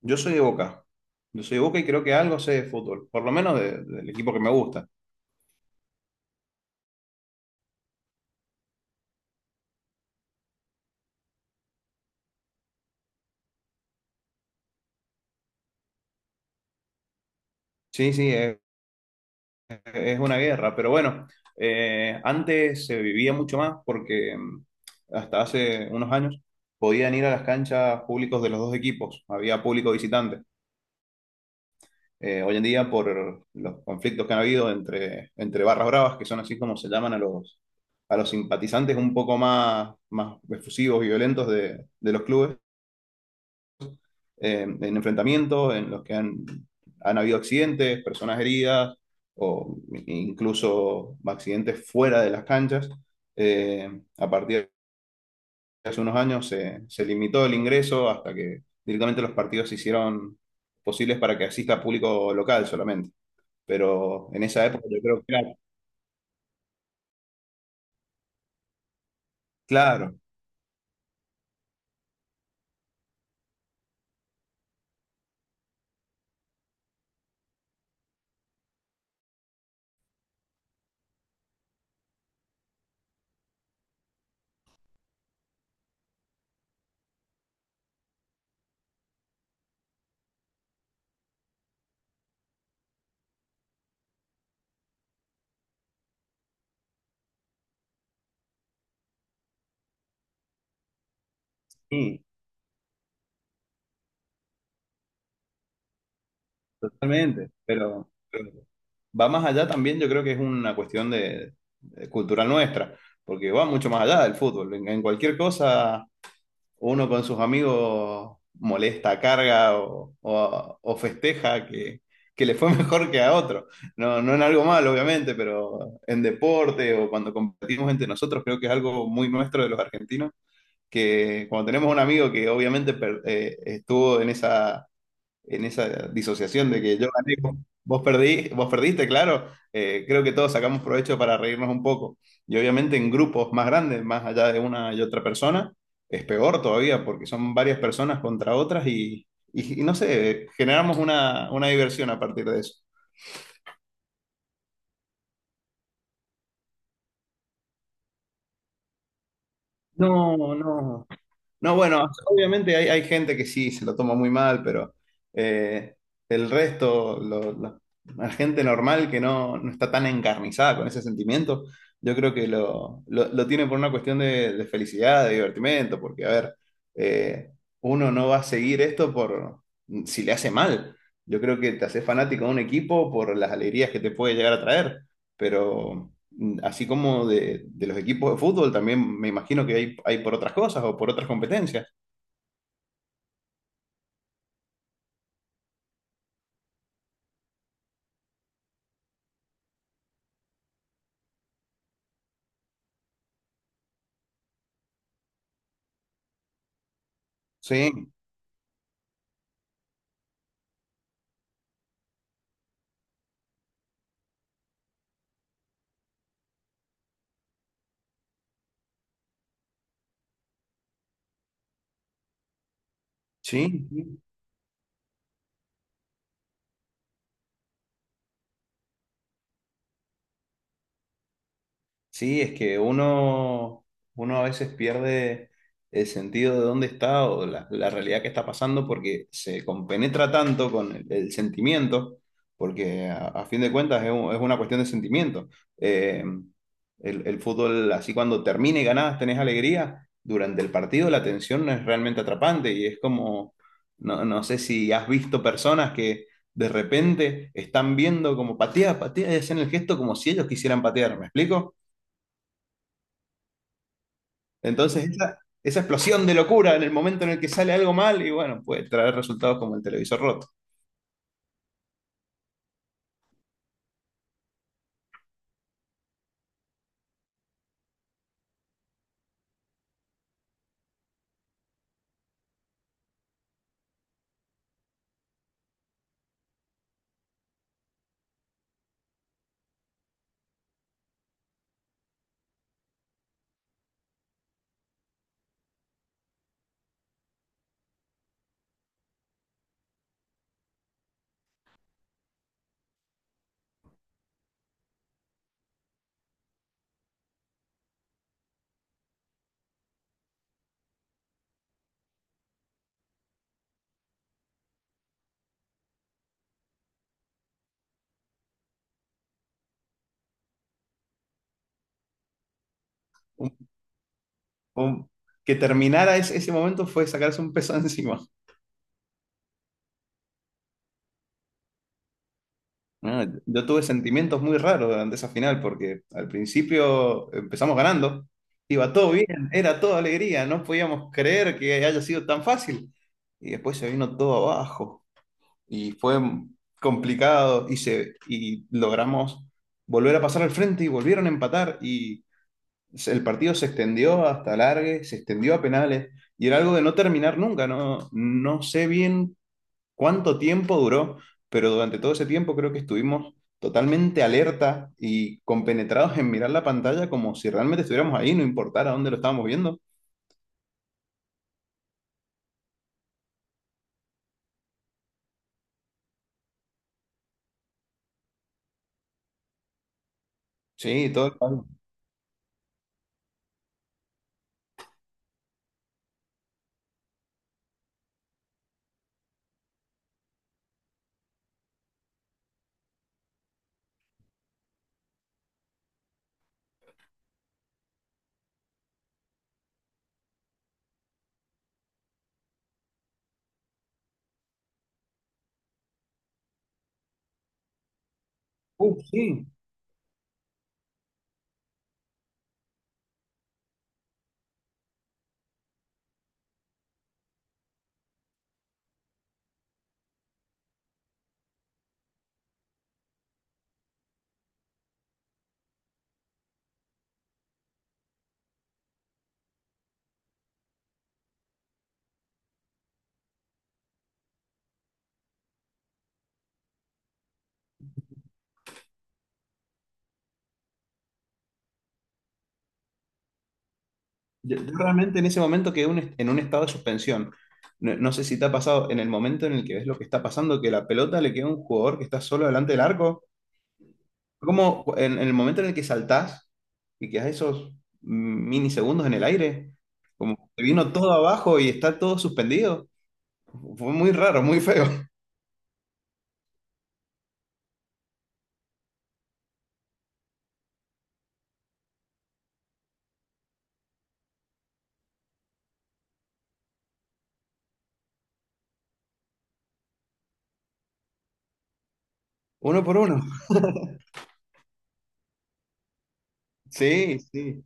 Yo soy de Boca. Yo soy de Boca y creo que algo sé de fútbol, por lo menos del equipo que me gusta. Sí, sí, es una guerra, pero bueno, antes se vivía mucho más porque hasta hace unos años podían ir a las canchas públicos de los dos equipos, había público visitante. Hoy en día, por los conflictos que han habido entre barras bravas, que son así como se llaman a a los simpatizantes un poco más efusivos y violentos de los clubes, en enfrentamientos en los que han habido accidentes, personas heridas o incluso accidentes fuera de las canchas. Eh, a partir de hace unos años se limitó el ingreso hasta que directamente los partidos se hicieron posibles para que asista público local solamente. Pero en esa época yo creo que era claro, sí, totalmente. Pero va más allá también, yo creo que es una cuestión de cultural nuestra, porque va mucho más allá del fútbol. En cualquier cosa, uno con sus amigos molesta, carga o, o festeja que le fue mejor que a otro. No, no en algo malo, obviamente, pero en deporte o cuando competimos entre nosotros, creo que es algo muy nuestro de los argentinos, que cuando tenemos un amigo que obviamente estuvo en esa disociación de que yo gané, vos perdí, vos perdiste, claro. Creo que todos sacamos provecho para reírnos un poco. Y obviamente en grupos más grandes, más allá de una y otra persona, es peor todavía porque son varias personas contra otras y, y no sé, generamos una diversión a partir de eso. No, no. No, bueno, obviamente hay, hay gente que sí se lo toma muy mal, pero eh, el resto, la gente normal que no, no está tan encarnizada con ese sentimiento, yo creo que lo tiene por una cuestión de felicidad, de divertimento, porque, a ver, eh, uno no va a seguir esto por si le hace mal. Yo creo que te haces fanático de un equipo por las alegrías que te puede llegar a traer, pero así como de los equipos de fútbol, también me imagino que hay por otras cosas o por otras competencias. Sí, sí. Sí, es que uno, uno a veces pierde el sentido de dónde está o la realidad que está pasando porque se compenetra tanto con el sentimiento, porque a fin de cuentas es una cuestión de sentimiento. Eh, el fútbol, así cuando termine y ganás, tenés alegría, durante el partido la tensión es realmente atrapante y es como, no, no sé si has visto personas que de repente están viendo como patea, patea y hacen el gesto como si ellos quisieran patear, ¿me explico? Entonces, esa explosión de locura en el momento en el que sale algo mal y bueno, puede traer resultados como el televisor roto. Un- un- que terminara ese momento fue sacarse un peso encima. Ah, yo tuve sentimientos muy raros durante esa final porque al principio empezamos ganando, iba todo bien, era toda alegría, no podíamos creer que haya sido tan fácil. Y después se vino todo abajo y fue complicado y, se, y logramos volver a pasar al frente y volvieron a empatar, el partido se extendió hasta largue, se extendió a penales y era algo de no terminar nunca, no, no sé bien cuánto tiempo duró, pero durante todo ese tiempo creo que estuvimos totalmente alerta y compenetrados en mirar la pantalla como si realmente estuviéramos ahí, no importara dónde lo estábamos viendo. Sí, todo el país. Sí, yo realmente en ese momento quedé en un estado de suspensión. No, no sé si te ha pasado en el momento en el que ves lo que está pasando, que la pelota le queda a un jugador que está solo delante del arco. Como en el momento en el que saltás y quedas esos minisegundos en el aire, como te vino todo abajo y está todo suspendido. Fue muy raro, muy feo. Uno por uno. Sí, sí.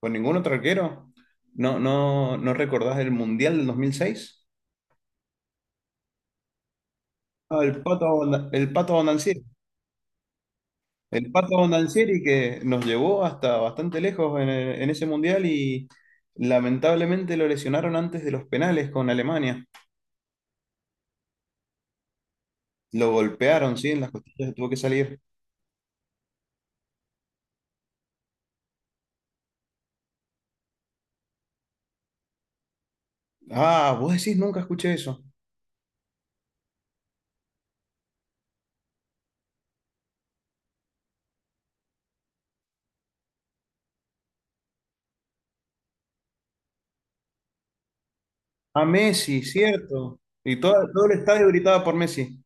Con ningún otro arquero. ¿No, no, no recordás el Mundial del 2006? Ah, el Pato, el Pato Abondancieri. El Pato Abondancieri que nos llevó hasta bastante lejos en ese Mundial y lamentablemente lo lesionaron antes de los penales con Alemania. Lo golpearon, sí, en las costillas, tuvo que salir. Ah, vos decís, nunca escuché eso. A Messi, cierto. Y todo, todo el estadio gritaba por Messi.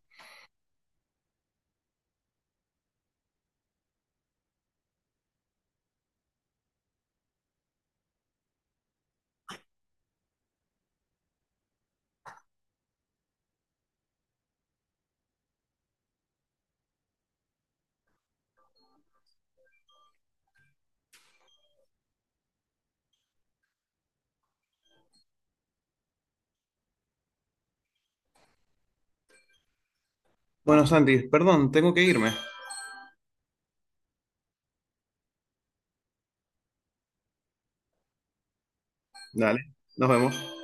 Bueno, Santi, perdón, tengo que irme. Dale, nos vemos.